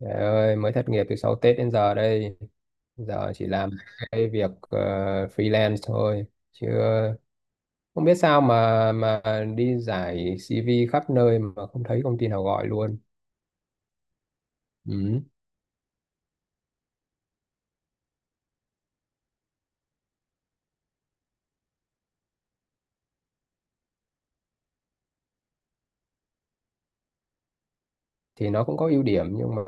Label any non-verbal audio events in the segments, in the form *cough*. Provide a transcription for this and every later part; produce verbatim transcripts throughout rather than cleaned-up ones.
Trời ơi, mới thất nghiệp từ sau Tết đến giờ đây. Giờ chỉ làm cái việc ờ, freelance thôi. Chứ không biết sao mà mà đi giải xi vi khắp nơi mà không thấy công ty nào gọi luôn. Ừ. Thì nó cũng có ưu điểm nhưng mà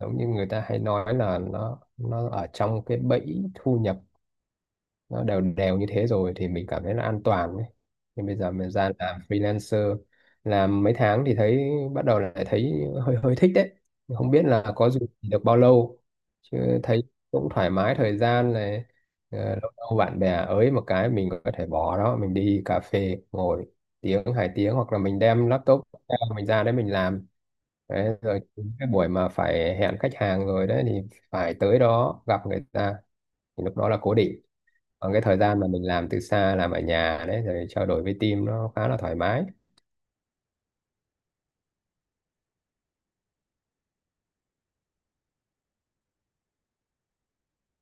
giống như người ta hay nói là nó nó ở trong cái bẫy thu nhập nó đều đều như thế rồi thì mình cảm thấy là an toàn ấy. Nhưng bây giờ mình ra làm freelancer làm mấy tháng thì thấy bắt đầu lại thấy hơi hơi thích đấy, không biết là có duy trì được bao lâu chứ thấy cũng thoải mái thời gian này. Ờ, lâu lâu bạn bè ới một cái mình có thể bỏ đó mình đi cà phê ngồi tiếng hai tiếng, hoặc là mình đem laptop ra, mình ra đấy mình làm, đấy, rồi những cái buổi mà phải hẹn khách hàng rồi đấy thì phải tới đó gặp người ta, thì lúc đó là cố định. Còn cái thời gian mà mình làm từ xa làm ở nhà đấy rồi trao đổi với team nó khá là thoải mái.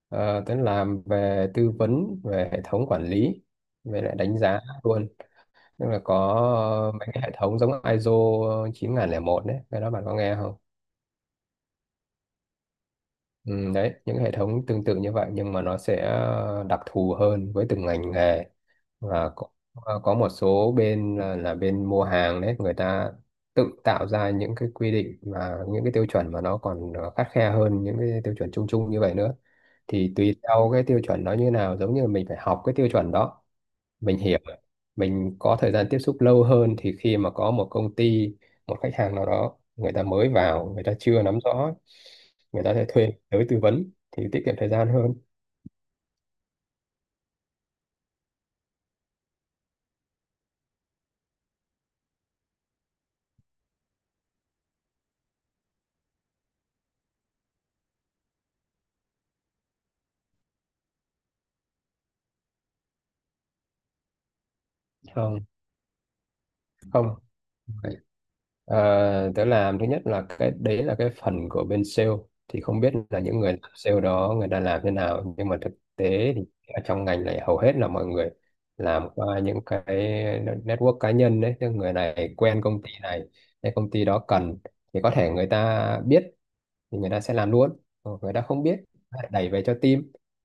Ờ, Tuấn làm về tư vấn về hệ thống quản lý, về lại đánh giá luôn, tức là có ờ, mấy cái hệ thống giống i sô một đấy, cái đó bạn có nghe không? Ừ, đấy, những hệ thống tương tự như vậy nhưng mà nó sẽ ờ, đặc thù hơn với từng ngành nghề, và có, à, có một số bên là, là bên mua hàng đấy, người ta tự tạo ra những cái quy định và những cái tiêu chuẩn mà nó còn ờ, khắt khe hơn những cái tiêu chuẩn chung chung như vậy nữa. Thì tùy theo cái tiêu chuẩn nó như nào, giống như mình phải học cái tiêu chuẩn đó, mình hiểu, mình có thời gian tiếp xúc lâu hơn thì khi mà có một công ty, một khách hàng nào đó người ta mới vào, người ta chưa nắm rõ, người ta sẽ thuê tới tư vấn thì tiết kiệm thời gian hơn. Không. Không. Ờ, tớ làm thứ nhất là cái đấy là cái phần của bên sale, thì không biết là những người làm sale đó người ta làm thế nào, nhưng mà thực tế thì ở trong ngành này hầu hết là mọi người làm qua những cái network cá nhân đấy, tức người này quen công ty này, cái công ty đó cần thì có thể người ta biết thì người ta sẽ làm luôn. Còn người ta không biết người ta đẩy về cho team,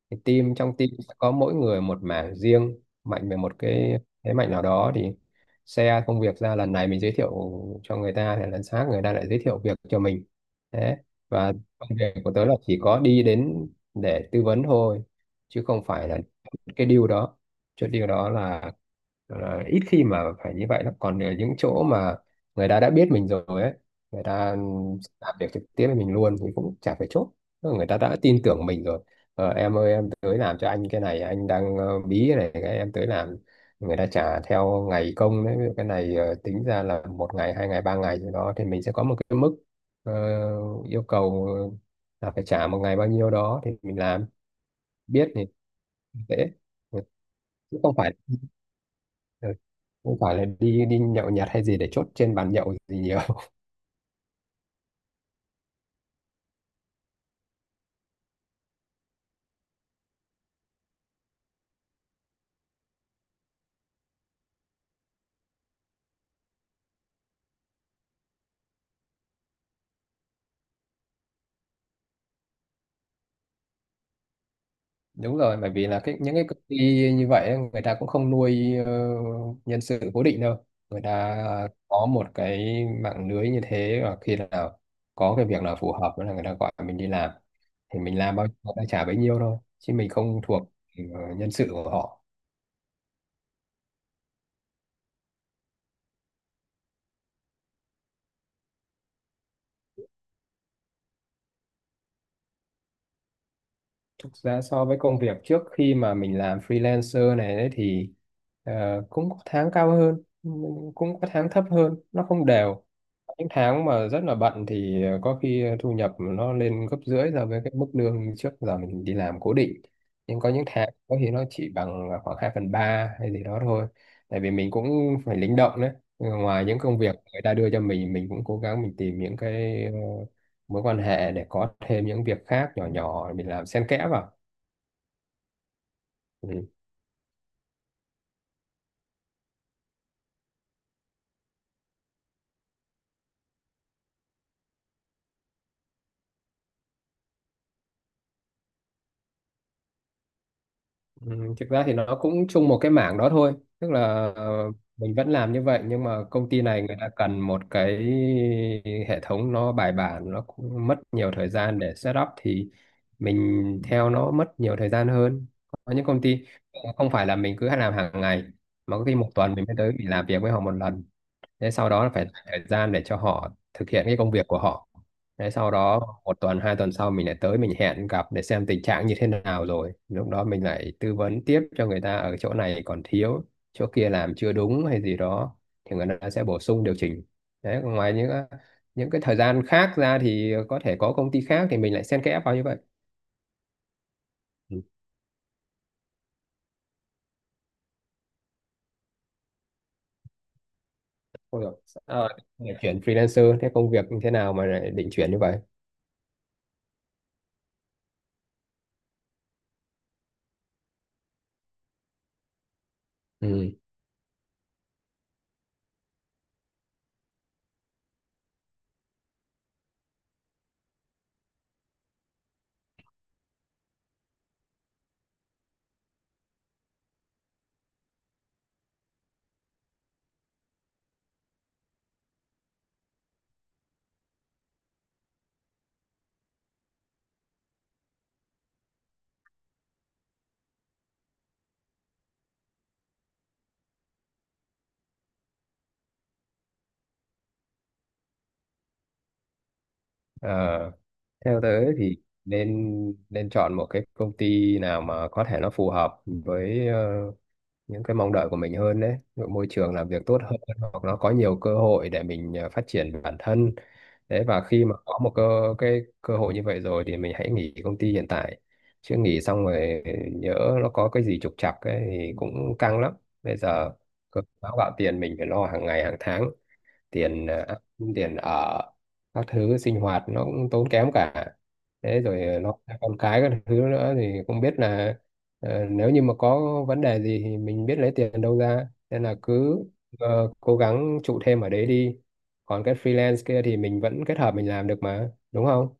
thì team trong team sẽ có mỗi người một mảng riêng, mạnh về một cái thế mạnh nào đó thì share công việc ra, lần này mình giới thiệu cho người ta thì lần khác người ta lại giới thiệu việc cho mình, thế. Và công việc của tớ là chỉ có đi đến để tư vấn thôi chứ không phải là cái deal đó. Chốt deal đó là là ít khi mà phải như vậy lắm, còn ở những chỗ mà người ta đã biết mình rồi ấy, người ta làm việc trực tiếp với mình luôn thì cũng chả phải chốt. Tức là người ta đã tin tưởng mình rồi, ờ, em ơi em tới làm cho anh cái này, anh đang ờ, bí cái này cái em tới làm, người ta trả theo ngày công đấy. Ví dụ cái này ờ, tính ra là một ngày hai ngày ba ngày gì đó thì mình sẽ có một cái mức ờ, yêu cầu, ờ, là phải trả một ngày bao nhiêu đó thì mình làm biết thì dễ. Ừ, chứ không phải ừ, không phải là đi đi nhậu nhẹt hay gì để chốt trên bàn nhậu gì. Đúng rồi, bởi vì là cái những cái công ty như vậy ấy, người ta cũng không nuôi ờ, nhân sự cố định đâu, người ta có một cái mạng lưới như thế và khi nào có cái việc nào phù hợp đó là người ta gọi mình đi làm, thì mình làm bao nhiêu người ta trả bấy nhiêu thôi chứ mình không thuộc ờ, nhân sự của họ. Thực ra so với công việc trước khi mà mình làm freelancer này đấy thì ờ, cũng có tháng cao hơn, cũng có tháng thấp hơn, nó không đều. Những tháng mà rất là bận thì ờ, có khi thu nhập nó lên gấp rưỡi so với cái mức lương trước giờ mình đi làm cố định. Nhưng có những tháng có khi nó chỉ bằng khoảng hai phần ba hay gì đó thôi. Tại vì mình cũng phải linh động đấy. Ngoài những công việc người ta đưa cho mình, mình cũng cố gắng mình tìm những cái ờ, mối quan hệ để có thêm những việc khác nhỏ nhỏ mình làm xen kẽ vào. Ừ. Ừ, thực ra thì nó cũng chung một cái mảng đó thôi, tức là ờ, mình vẫn làm như vậy nhưng mà công ty này người ta cần một cái hệ thống nó bài bản, nó cũng mất nhiều thời gian để set up thì mình theo nó mất nhiều thời gian hơn. Có những công ty ờ, không phải là mình cứ làm hàng ngày mà có khi một tuần mình mới tới mình làm việc với họ một lần, thế sau đó là phải dành thời gian để cho họ thực hiện cái công việc của họ. Thế sau đó một tuần hai tuần sau mình lại tới mình hẹn gặp để xem tình trạng như thế nào, rồi lúc đó mình lại tư vấn tiếp cho người ta ở chỗ này còn thiếu, chỗ kia làm chưa đúng hay gì đó thì người ta sẽ bổ sung điều chỉnh. Đấy, còn ngoài những những cái thời gian khác ra thì có thể có công ty khác thì mình lại xen kẽ vào như vậy. Ừ. Ôi dồi, sao lại chuyển freelancer thế, công việc như thế nào mà lại định chuyển như vậy? Ừ. Ờ, theo tớ thì nên nên chọn một cái công ty nào mà có thể nó phù hợp với ờ, những cái mong đợi của mình hơn đấy, ví dụ môi trường làm việc tốt hơn, hoặc nó có nhiều cơ hội để mình ờ, phát triển bản thân. Đấy, và khi mà có một cơ cái cơ hội như vậy rồi thì mình hãy nghỉ công ty hiện tại. Chứ nghỉ xong rồi nhỡ nó có cái gì trục trặc ấy, thì cũng căng lắm. Bây giờ cơm áo gạo tiền mình phải lo hàng ngày hàng tháng, tiền ờ, tiền ở các thứ sinh hoạt nó cũng tốn kém cả, thế rồi ờ, nó con cái các thứ nữa, thì không biết là ờ, nếu như mà có vấn đề gì thì mình biết lấy tiền đâu ra, nên là cứ ờ, cố gắng trụ thêm ở đấy đi, còn cái freelance kia thì mình vẫn kết hợp mình làm được mà đúng không?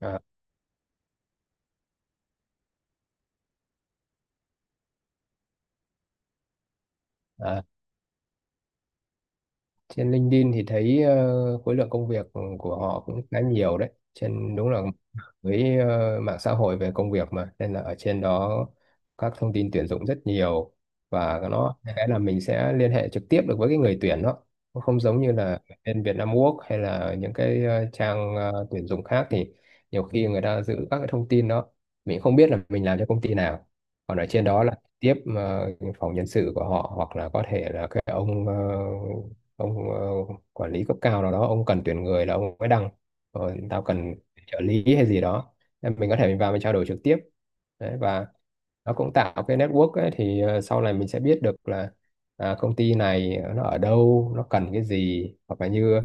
À, à. Trên LinkedIn thì thấy ờ, khối lượng công việc của họ cũng khá nhiều đấy, trên đúng là với ờ, mạng xã hội về công việc mà, nên là ở trên đó các thông tin tuyển dụng rất nhiều, và nó cái là mình sẽ liên hệ trực tiếp được với cái người tuyển đó. Nó không giống như là bên Vietnam Work hay là những cái ờ, trang ờ, tuyển dụng khác, thì nhiều khi người ta giữ các cái thông tin đó, mình không biết là mình làm cho công ty nào. Còn ở trên đó là tiếp ờ, phòng nhân sự của họ, hoặc là có thể là cái ông ờ, ông ờ, quản lý cấp cao nào đó ông cần tuyển người là ông mới đăng rồi, tao cần trợ lý hay gì đó. Nên mình có thể mình vào mình trao đổi trực tiếp đấy, và nó cũng tạo cái network ấy, thì ờ, sau này mình sẽ biết được là à, công ty này nó ở đâu nó cần cái gì, hoặc là như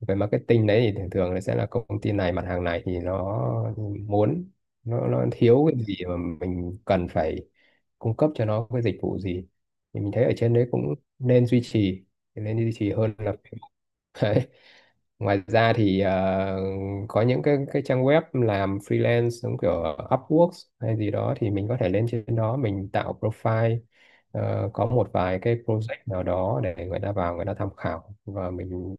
về marketing đấy thì thường thường nó sẽ là công ty này mặt hàng này thì nó muốn, nó, nó thiếu cái gì mà mình cần phải cung cấp cho nó cái dịch vụ gì, thì mình thấy ở trên đấy cũng nên duy trì nên duy trì hơn là. Đấy. Ngoài ra thì ờ, có những cái cái trang web làm freelance giống kiểu Upwork hay gì đó, thì mình có thể lên trên đó mình tạo profile, ờ, có một vài cái project nào đó để người ta vào người ta tham khảo, và mình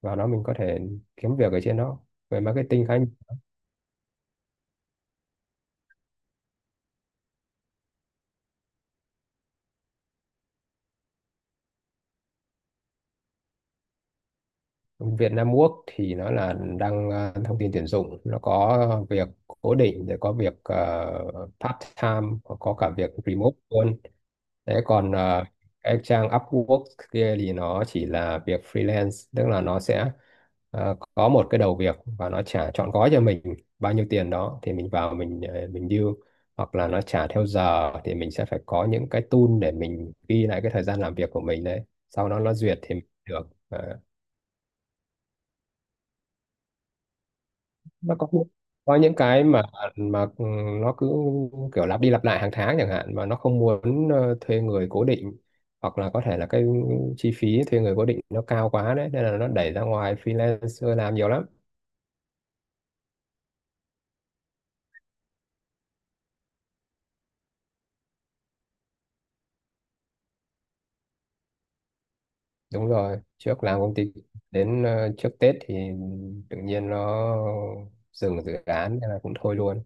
vào đó mình có thể kiếm việc ở trên đó về marketing khá nhiều. Việt Nam Work thì nó là đăng ờ, thông tin tuyển dụng, nó có việc cố định rồi có việc ờ, part time, có có cả việc remote luôn. Thế còn ờ, cái trang Upwork kia thì nó chỉ là việc freelance, tức là nó sẽ ờ, có một cái đầu việc và nó trả trọn gói cho mình bao nhiêu tiền đó thì mình vào mình ờ, mình deal, hoặc là nó trả theo giờ thì mình sẽ phải có những cái tool để mình ghi lại cái thời gian làm việc của mình đấy. Sau đó nó duyệt thì mình được. ờ, nó có có những cái mà mà ừ, nó cứ kiểu lặp đi lặp lại hàng tháng chẳng hạn, mà nó không muốn ờ, thuê người cố định, hoặc là có thể là cái chi phí thuê người cố định nó cao quá đấy nên là nó đẩy ra ngoài freelancer làm nhiều lắm. Đúng rồi, trước làm công ty đến ờ, trước Tết thì tự nhiên nó dừng dự án nên là cũng thôi luôn.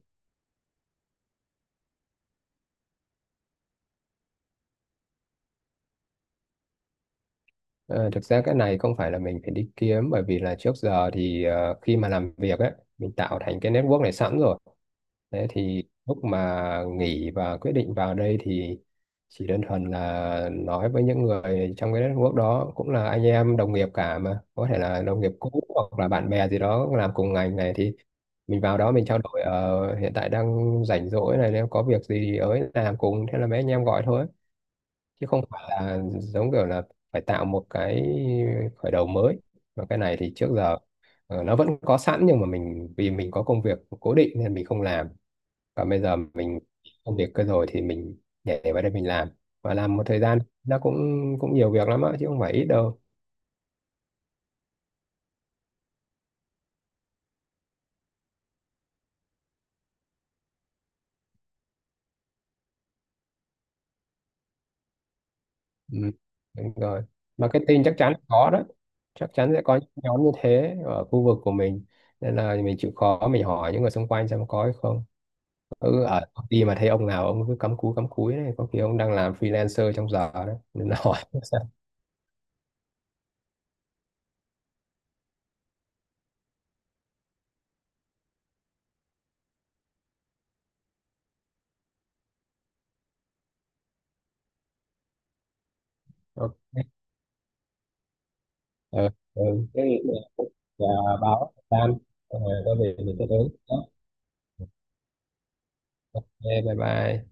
Ờ, thực ra cái này không phải là mình phải đi kiếm, bởi vì là trước giờ thì ờ, khi mà làm việc ấy mình tạo thành cái network này sẵn rồi. Thế thì lúc mà nghỉ và quyết định vào đây thì chỉ đơn thuần là nói với những người trong cái network đó, cũng là anh em đồng nghiệp cả mà, có thể là đồng nghiệp cũ hoặc là bạn bè gì đó làm cùng ngành này, thì mình vào đó mình trao đổi ờ, hiện tại đang rảnh rỗi này, nếu có việc gì ấy làm cùng, thế là mấy anh em gọi thôi, chứ không phải là giống kiểu là phải tạo một cái khởi đầu mới, mà cái này thì trước giờ ờ, nó vẫn có sẵn, nhưng mà mình vì mình có công việc cố định nên mình không làm, và bây giờ mình công việc cơ rồi thì mình nhảy vào đây mình làm, và làm một thời gian nó cũng cũng nhiều việc lắm á chứ không phải ít đâu. Ừ. Đúng rồi, marketing chắc chắn có đó, chắc chắn sẽ có những nhóm như thế ở khu vực của mình, nên là mình chịu khó mình hỏi những người xung quanh xem có hay không. Ừ, ở công ty mà thấy ông nào ông cứ cắm cúi cắm cúi này có khi ông đang làm freelancer trong giờ đó, nên là hỏi *laughs* xem. Ok, ừ, ừ. Thế thì, và báo tan rồi có việc mình sẽ đến. Ok, bye bye.